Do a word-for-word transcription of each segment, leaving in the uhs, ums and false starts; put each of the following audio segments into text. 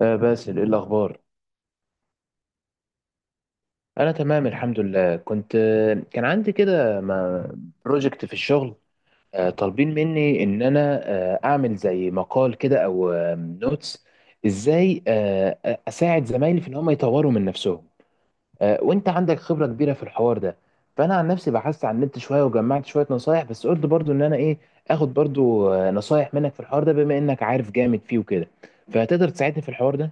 آه، باسل، ايه الاخبار؟ انا تمام الحمد لله. كنت آه، كان عندي كده بروجكت في الشغل. آه، طالبين مني ان انا آه، اعمل زي مقال كده او نوتس. ازاي آه، اساعد زمايلي في ان هم يطوروا من نفسهم. آه، وانت عندك خبرة كبيرة في الحوار ده. فانا عن نفسي بحثت عن النت شوية، وجمعت شوية نصايح، بس قلت برضو ان انا ايه، اخد برضو آه، نصايح منك في الحوار ده، بما انك عارف جامد فيه وكده. فهتقدر تساعدني في الحوار ده؟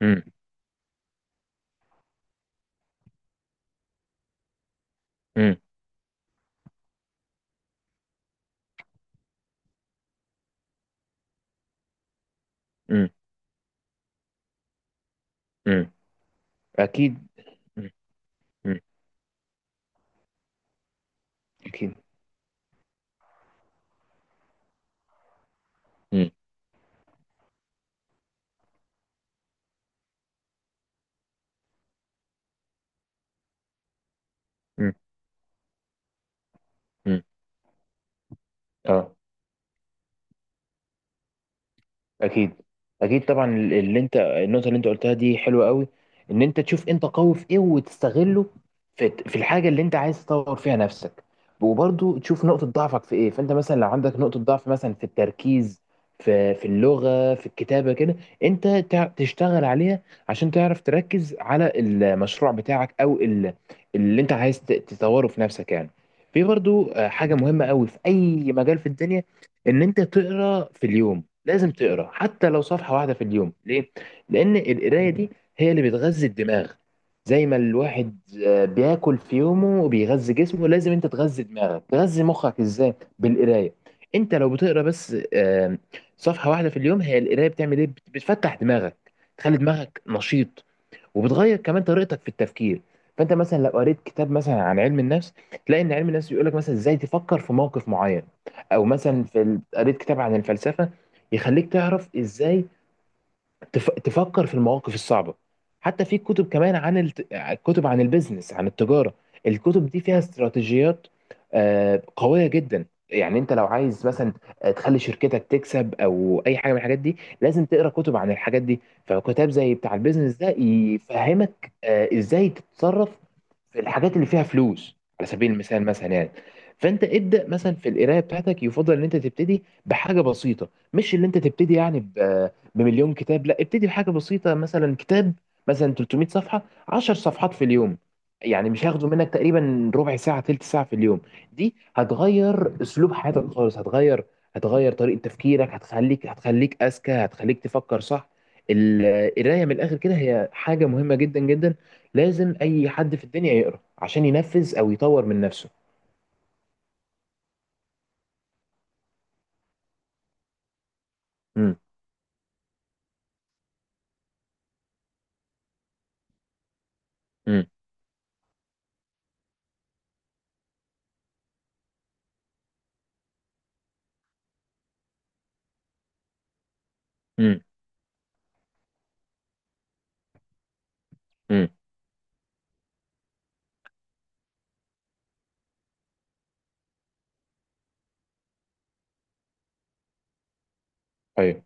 امم. امم. امم. اكيد. مم. مم. أكيد. مم. مم. مم. اه. اكيد. اكيد طبعا. اللي انت النقطه اللي انت قلتها دي حلوه قوي. ان انت تشوف انت قوي في ايه وتستغله في في الحاجه اللي انت عايز تطور فيها نفسك. وبرضو تشوف نقطه ضعفك في ايه. فانت مثلا لو عندك نقطه ضعف، مثلا في التركيز، في في اللغه، في الكتابه كده، انت تع- تشتغل عليها عشان تعرف تركز على المشروع بتاعك، او ال- اللي انت عايز ت- تطوره في نفسك يعني. في برضو آه، حاجه مهمه قوي في اي مجال في الدنيا، ان انت تقرا في اليوم. لازم تقرا حتى لو صفحه واحده في اليوم. ليه؟ لان القرايه دي هي اللي بتغذي الدماغ. زي ما الواحد آه، بياكل في يومه وبيغذي جسمه، لازم انت تغذي دماغك، تغذي مخك. ازاي؟ بالقرايه. انت لو بتقرا بس آه، صفحه واحده في اليوم، هي القرايه بتعمل ايه؟ بت- بتفتح دماغك، تخلي دماغك نشيط، وبتغير كمان طريقتك في التفكير. فانت مثلا لو قريت كتاب مثلا عن علم النفس، تلاقي ان علم النفس بيقول لك مثلا ازاي تفكر في موقف معين. او مثلا في ال- قريت كتاب عن الفلسفه، يخليك تعرف ازاي تف... تفكر في المواقف الصعبة. حتى في كتب كمان عن الت... كتب عن البيزنس، عن التجارة. الكتب دي فيها استراتيجيات آه، قوية جدا. يعني انت لو عايز مثلا آه، تخلي شركتك تكسب او اي حاجة من الحاجات دي، لازم تقرا كتب عن الحاجات دي. فكتاب زي بتاع البيزنس ده يفهمك آه، ازاي تتصرف في الحاجات اللي فيها فلوس، على سبيل المثال مثلا يعني. فانت ابدا مثلا في القرايه بتاعتك، يفضل ان انت تبتدي بحاجه بسيطه، مش اللي انت تبتدي يعني ب- بمليون كتاب، لا. ابتدي بحاجه بسيطه، مثلا كتاب مثلا تلت مية صفحه، عشر صفحات في اليوم. يعني مش هياخدوا منك تقريبا ربع ساعه، تلت ساعه في اليوم. دي هتغير اسلوب حياتك خالص، هتغير هتغير طريقه تفكيرك، هتخليك هتخليك اذكى، هتخليك تفكر صح. القرايه من الاخر كده هي حاجه مهمه جدا جدا. لازم اي حد في الدنيا يقرا، عشان ينفذ او يطور من نفسه. امم. امم. امم. امم. ايوه.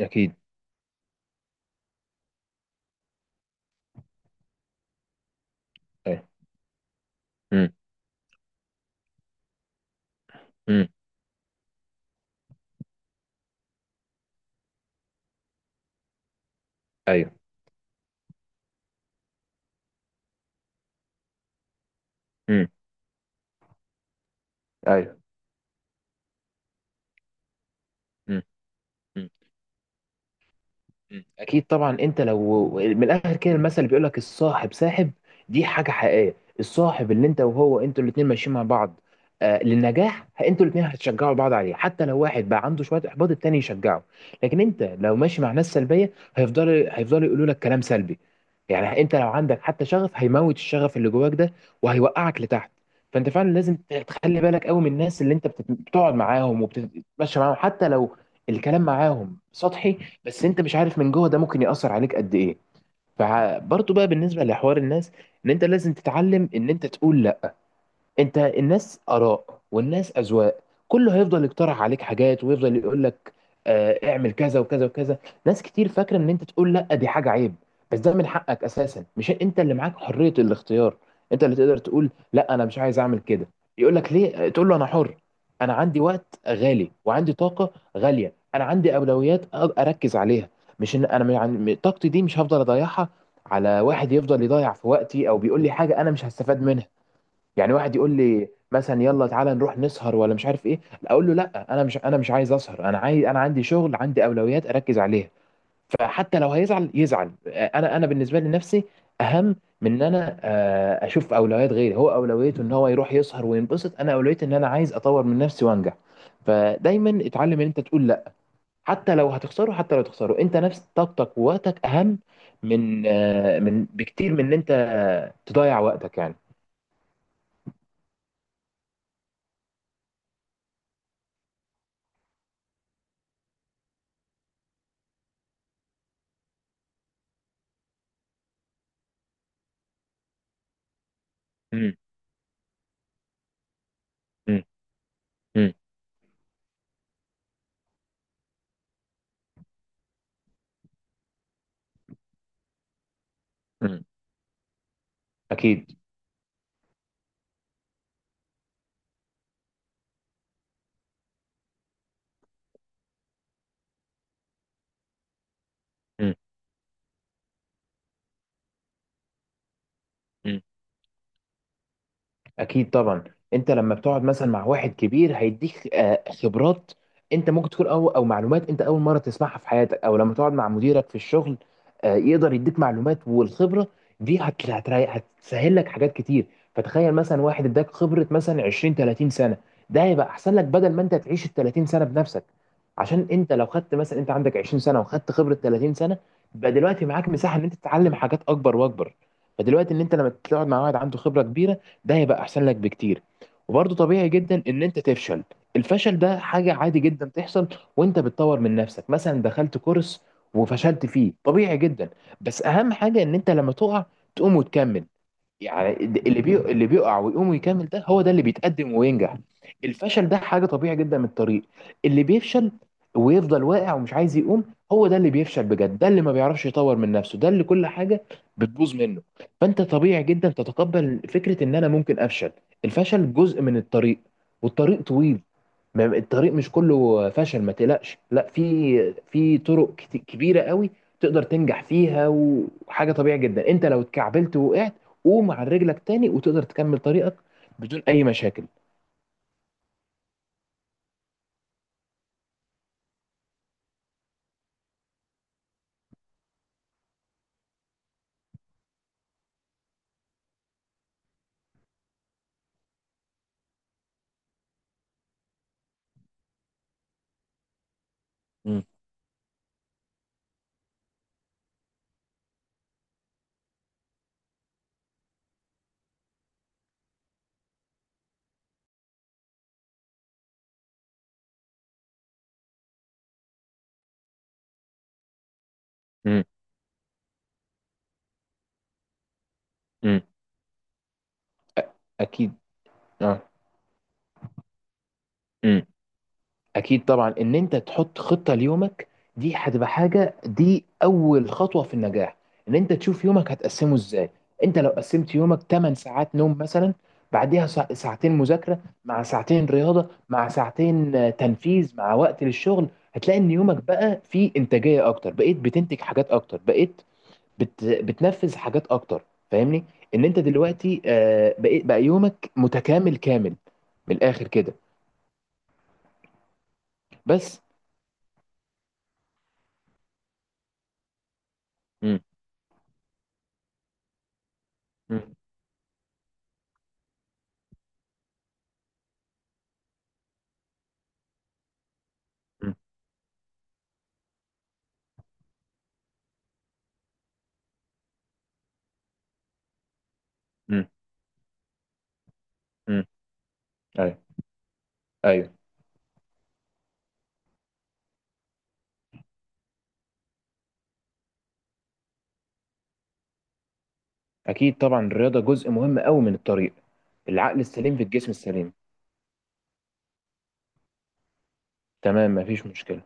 اكيد. ايوه. امم. امم. ايوه. امم. ايوه. امم. مم. اكيد طبعا. انت لو من الاخر كده، المثل بيقول لك: الصاحب ساحب. دي حاجه حقيقيه. الصاحب اللي انت وهو انتوا الاثنين ماشيين مع بعض آه للنجاح، انتوا الاثنين هتشجعوا بعض عليه. حتى لو واحد بقى عنده شويه احباط، التاني يشجعه. لكن انت لو ماشي مع ناس سلبيه، هيفضلوا هيفضلوا يقولوا لك كلام سلبي. يعني انت لو عندك حتى شغف، هيموت الشغف اللي جواك ده، وهيوقعك لتحت. فانت فعلا لازم تخلي بالك قوي من الناس اللي انت بتت- بتقعد معاهم وبتتمشى معاهم، حتى لو الكلام معاهم سطحي. بس انت مش عارف من جوه، ده ممكن يأثر عليك قد ايه. فبرضه بقى بالنسبة لحوار الناس، ان انت لازم تتعلم ان انت تقول لا. انت الناس اراء، والناس اذواق. كله هيفضل يقترح عليك حاجات، ويفضل يقول لك آه اعمل كذا وكذا وكذا. ناس كتير فاكره ان انت تقول لا دي حاجه عيب، بس ده من حقك اساسا. مش انت اللي معاك حريه الاختيار؟ انت اللي تقدر تقول لا، انا مش عايز اعمل كده. يقول لك ليه، آه، تقول له انا حر. انا عندي وقت غالي، وعندي طاقه غاليه. انا عندي اولويات أ- اركز عليها. مش ان انا يعني طاقتي دي مش هفضل اضيعها على واحد يفضل يضيع في وقتي، او بيقول لي حاجه انا مش هستفاد منها. يعني واحد يقول لي مثلا يلا تعالى نروح نسهر، ولا مش عارف ايه. اقول له لا، انا مش انا مش عايز اسهر. انا عايز انا عندي شغل، عندي اولويات اركز عليها. فحتى لو هيزعل يزعل، انا انا بالنسبه لي نفسي اهم من ان انا آه، اشوف اولويات غيري. هو اولويته ان هو يروح يسهر وينبسط، انا اولويتي ان انا عايز اطور من نفسي وانجح. فدايما اتعلم ان انت تقول لا. حتى لو هتخسره، حتى لو تخسره، انت نفس طاقتك ووقتك اهم من آه، من بكتير من ان انت تضيع وقتك يعني. امم. مم. اكيد. مم. مم. اكيد طبعا. انت لما بتقعد مثلا مع واحد كبير، هيديك آه، خبرات انت ممكن تكون، او او معلومات انت اول مره تسمعها في حياتك. او لما تقعد مع مديرك في الشغل، آه، يقدر يديك معلومات، والخبره دي هت- هتريح، هتسهل لك حاجات كتير. فتخيل مثلا واحد اداك خبره مثلا عشرين تلاتين سنه. ده هيبقى احسن لك، بدل ما انت تعيش ال تلاتين سنه بنفسك. عشان انت لو خدت مثلا، انت عندك عشرين سنه وخدت خبره تلاتين سنه، يبقى دلوقتي معاك مساحه ان انت تتعلم حاجات اكبر واكبر. فدلوقتي ان انت لما تقعد مع واحد عنده خبره كبيره، ده هيبقى احسن لك بكتير. وبرضه طبيعي جدا ان انت تفشل. الفشل ده حاجة عادي جدا تحصل وانت بتطور من نفسك. مثلا دخلت كورس وفشلت فيه، طبيعي جدا. بس اهم حاجة ان انت لما تقع، تقوم وتكمل. يعني اللي بي... اللي بيقع ويقوم ويكمل، ده هو ده اللي بيتقدم وينجح. الفشل ده حاجة طبيعي جدا من الطريق. اللي بيفشل ويفضل واقع ومش عايز يقوم، هو ده اللي بيفشل بجد، ده اللي ما بيعرفش يطور من نفسه، ده اللي كل حاجة بتبوظ منه. فأنت طبيعي جدا تتقبل فكرة إن أنا ممكن أفشل. الفشل جزء من الطريق، والطريق طويل. ما- الطريق مش كله فشل، ما تقلقش. لا، في في طرق كت- كبيره قوي تقدر تنجح فيها. وحاجه طبيعي جدا، انت لو اتكعبلت ووقعت، قوم على رجلك تاني وتقدر تكمل طريقك بدون اي مشاكل. مم. مم. مم. اكيد. اه. مم. اكيد طبعا. ان انت تحط خطه ليومك، دي هتبقى حاجه دي اول خطوه في النجاح. ان انت تشوف يومك هتقسمه ازاي. انت لو قسمت يومك تمن ساعات نوم مثلا، بعديها سا- ساعتين مذاكره، مع ساعتين رياضه، مع ساعتين آه، تنفيذ، مع وقت للشغل، هتلاقي ان يومك بقى فيه انتاجيه اكتر. بقيت بتنتج حاجات اكتر، بقيت بت... بتنفذ حاجات اكتر، فاهمني؟ ان انت دلوقتي آه، بقيت بقى يومك متكامل كامل من الاخر كده. بس. مم. مم. امم. امم. ايوه. ايوه. اكيد طبعا. الرياضه جزء مهم قوي من الطريق. العقل السليم في الجسم السليم. تمام، مفيش مشكله.